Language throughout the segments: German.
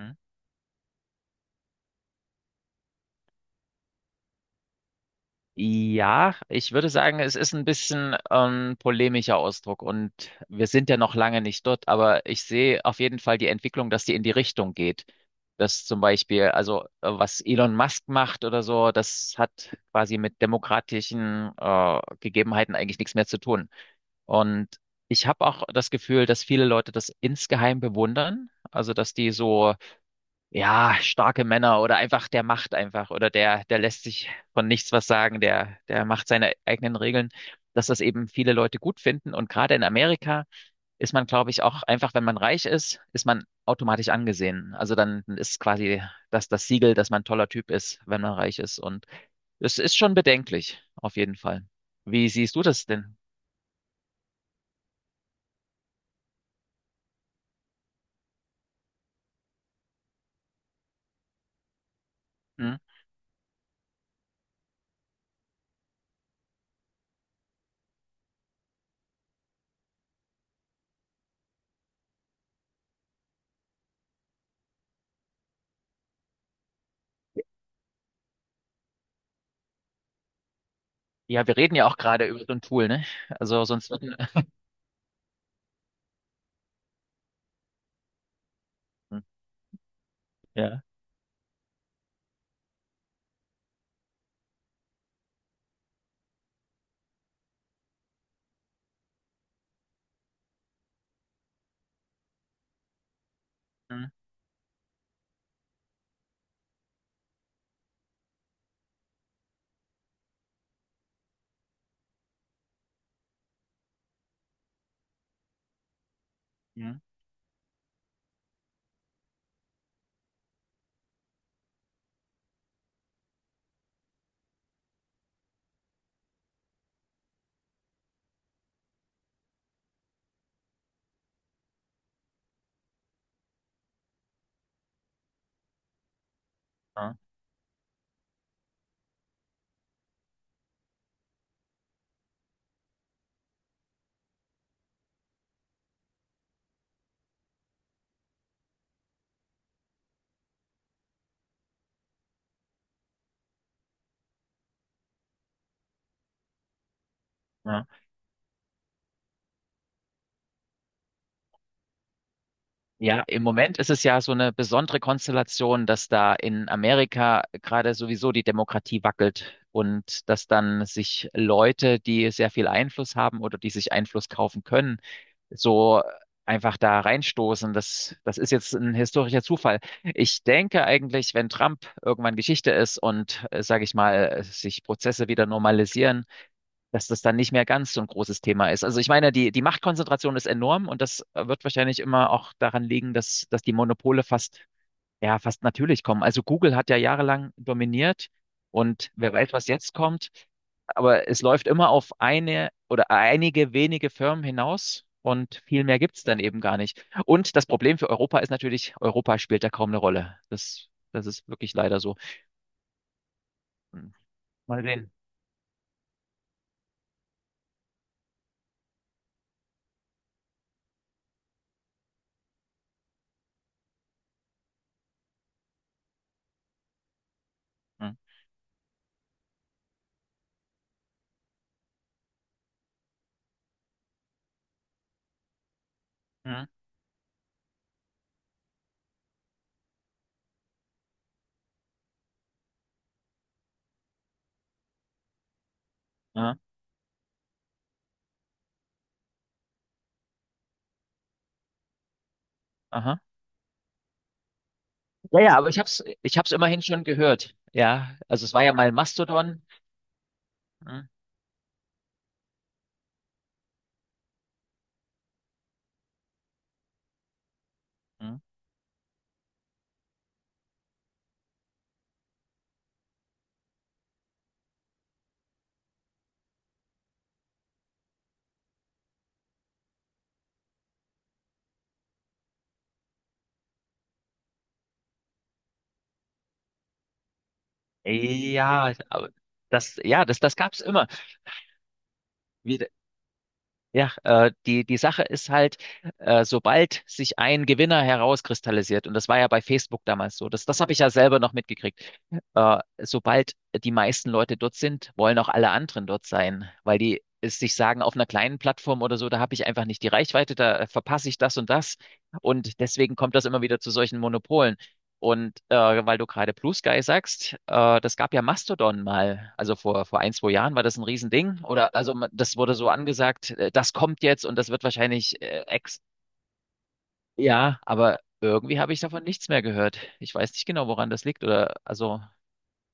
Hm? Ja, ich würde sagen, es ist ein bisschen polemischer Ausdruck und wir sind ja noch lange nicht dort, aber ich sehe auf jeden Fall die Entwicklung, dass die in die Richtung geht. Dass zum Beispiel, also was Elon Musk macht oder so, das hat quasi mit demokratischen Gegebenheiten eigentlich nichts mehr zu tun. Und ich habe auch das Gefühl, dass viele Leute das insgeheim bewundern, also dass die so ja, starke Männer oder einfach, der macht einfach oder der lässt sich von nichts was sagen, der macht seine eigenen Regeln, dass das eben viele Leute gut finden. Und gerade in Amerika ist man, glaube ich, auch einfach, wenn man reich ist, ist man automatisch angesehen. Also dann ist quasi das Siegel, dass man ein toller Typ ist, wenn man reich ist. Und es ist schon bedenklich, auf jeden Fall. Wie siehst du das denn? Hm? Ja, wir reden ja auch gerade über so ein Tool, ne? Also sonst würden. Ja. Hm, ja. Hm, ja, ja. Ja, im Moment ist es ja so eine besondere Konstellation, dass da in Amerika gerade sowieso die Demokratie wackelt und dass dann sich Leute, die sehr viel Einfluss haben oder die sich Einfluss kaufen können, so einfach da reinstoßen. Das ist jetzt ein historischer Zufall. Ich denke eigentlich, wenn Trump irgendwann Geschichte ist und, sage ich mal, sich Prozesse wieder normalisieren, dass das dann nicht mehr ganz so ein großes Thema ist. Also ich meine, die Machtkonzentration ist enorm und das wird wahrscheinlich immer auch daran liegen, dass die Monopole fast, ja, fast natürlich kommen. Also Google hat ja jahrelang dominiert und wer weiß, was jetzt kommt. Aber es läuft immer auf eine oder einige wenige Firmen hinaus und viel mehr gibt's dann eben gar nicht. Und das Problem für Europa ist natürlich, Europa spielt da kaum eine Rolle. Das ist wirklich leider so. Hm. Mal sehen. Hm. Hm. Ja. Aha. Ja, ja, aber ich hab's immerhin schon gehört. Ja, also es war ja mal Mastodon. Hm, hm. Ja, aber das, ja, das gab's immer. Wie, ja, die, die Sache ist halt, sobald sich ein Gewinner herauskristallisiert, und das war ja bei Facebook damals so, das habe ich ja selber noch mitgekriegt, sobald die meisten Leute dort sind, wollen auch alle anderen dort sein, weil die es sich sagen, auf einer kleinen Plattform oder so, da habe ich einfach nicht die Reichweite, da verpasse ich das und das. Und deswegen kommt das immer wieder zu solchen Monopolen. Und weil du gerade Blue Sky sagst, das gab ja Mastodon mal. Also vor, vor ein, zwei Jahren war das ein Riesending. Oder also man- das wurde so angesagt, das kommt jetzt und das wird wahrscheinlich ex. Ja, aber irgendwie habe ich davon nichts mehr gehört. Ich weiß nicht genau, woran das liegt. Oder also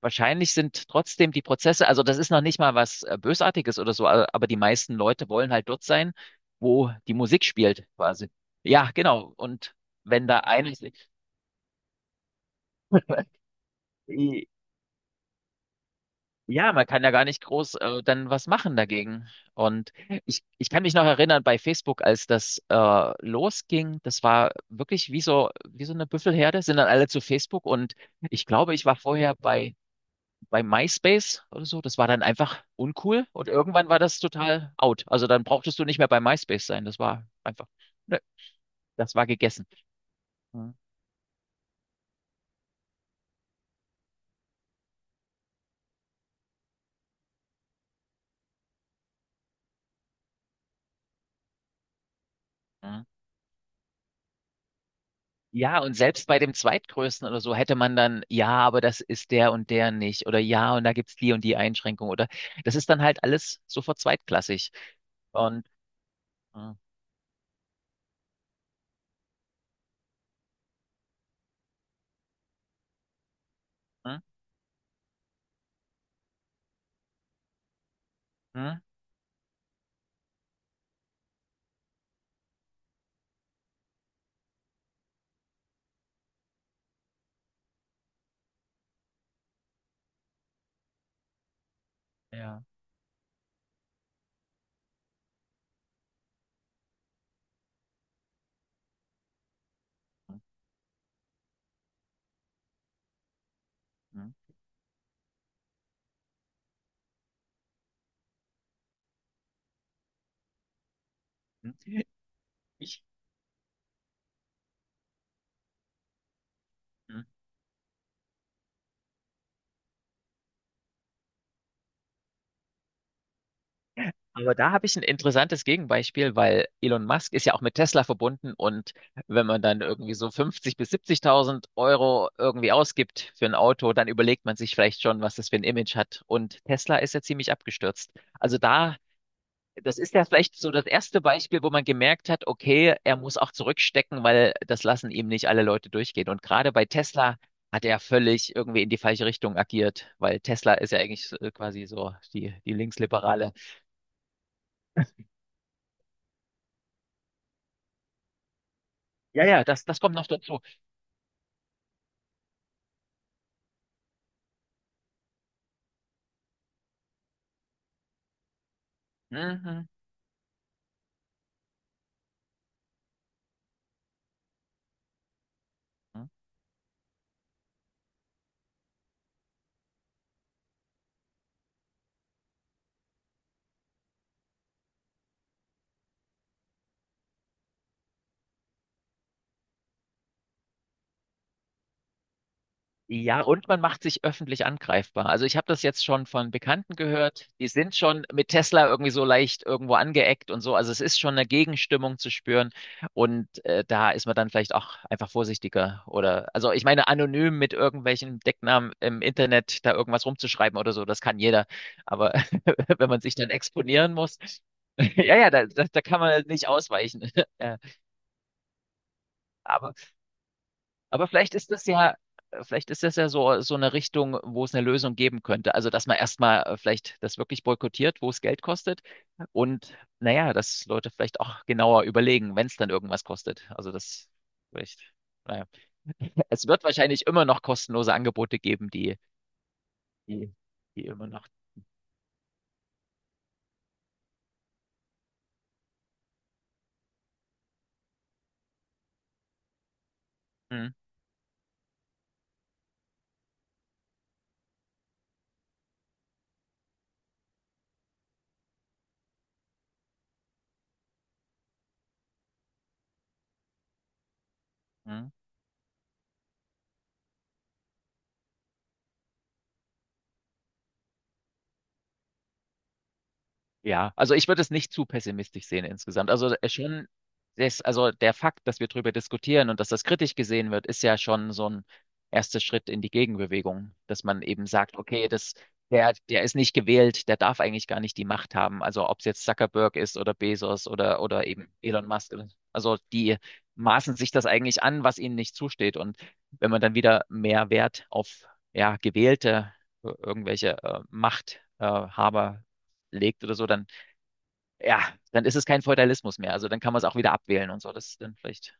wahrscheinlich sind trotzdem die Prozesse, also das ist noch nicht mal was Bösartiges oder so, a- aber die meisten Leute wollen halt dort sein, wo die Musik spielt, quasi. Ja, genau. Und wenn da ein ja, man kann ja gar nicht groß dann was machen dagegen. Und ich kann mich noch erinnern, bei Facebook, als das losging, das war wirklich wie so eine Büffelherde, sind dann alle zu Facebook und ich glaube, ich war vorher bei, bei MySpace oder so. Das war dann einfach uncool und irgendwann war das total out. Also dann brauchtest du nicht mehr bei MySpace sein. Das war einfach, ne, das war gegessen. Mhm. Ja, und selbst bei dem zweitgrößten oder so hätte man dann, ja, aber das ist der und der nicht. Oder ja, und da gibt's die und die Einschränkung. Oder das ist dann halt alles sofort zweitklassig. Und hm, hm, hm, ja. Hm, hm, hm. Ich, hm, aber da habe ich ein interessantes Gegenbeispiel, weil Elon Musk ist ja auch mit Tesla verbunden und wenn man dann irgendwie so 50 bis 70.000 Euro irgendwie ausgibt für ein Auto, dann überlegt man sich vielleicht schon, was das für ein Image hat. Und Tesla ist ja ziemlich abgestürzt. Also da das ist ja vielleicht so das erste Beispiel, wo man gemerkt hat, okay, er muss auch zurückstecken, weil das lassen ihm nicht alle Leute durchgehen. Und gerade bei Tesla hat er völlig irgendwie in die falsche Richtung agiert, weil Tesla ist ja eigentlich so- quasi so die, die Linksliberale. Ja, ja, das, das kommt noch dazu. Mhm. Ja, und man macht sich öffentlich angreifbar. Also ich habe das jetzt schon von Bekannten gehört, die sind schon mit Tesla irgendwie so leicht irgendwo angeeckt und so. Also es ist schon eine Gegenstimmung zu spüren und da ist man dann vielleicht auch einfach vorsichtiger oder also ich meine anonym mit irgendwelchen Decknamen im Internet da irgendwas rumzuschreiben oder so, das kann jeder. Aber wenn man sich dann exponieren muss, ja, ja, da, da, da kann man nicht ausweichen. Ja, aber vielleicht ist das ja, vielleicht ist das ja so, so eine Richtung, wo es eine Lösung geben könnte. Also, dass man erstmal vielleicht das wirklich boykottiert, wo es Geld kostet. Und naja, dass Leute vielleicht auch genauer überlegen, wenn es dann irgendwas kostet. Also, das vielleicht, naja. Es wird wahrscheinlich immer noch kostenlose Angebote geben, die, die, die immer noch. Hm, hm. Ja, also ich würde es nicht zu pessimistisch sehen insgesamt. Also schon, das, also der Fakt, dass wir darüber diskutieren und dass das kritisch gesehen wird, ist ja schon so ein erster Schritt in die Gegenbewegung, dass man eben sagt, okay, das, der ist nicht gewählt, der darf eigentlich gar nicht die Macht haben. Also ob es jetzt Zuckerberg ist oder Bezos oder eben Elon Musk. Also die maßen sich das eigentlich an, was ihnen nicht zusteht. Und wenn man dann wieder mehr Wert auf ja, gewählte irgendwelche Machthaber Haber legt oder so, dann ja, dann ist es kein Feudalismus mehr. Also dann kann man es auch wieder abwählen und so. Das ist dann vielleicht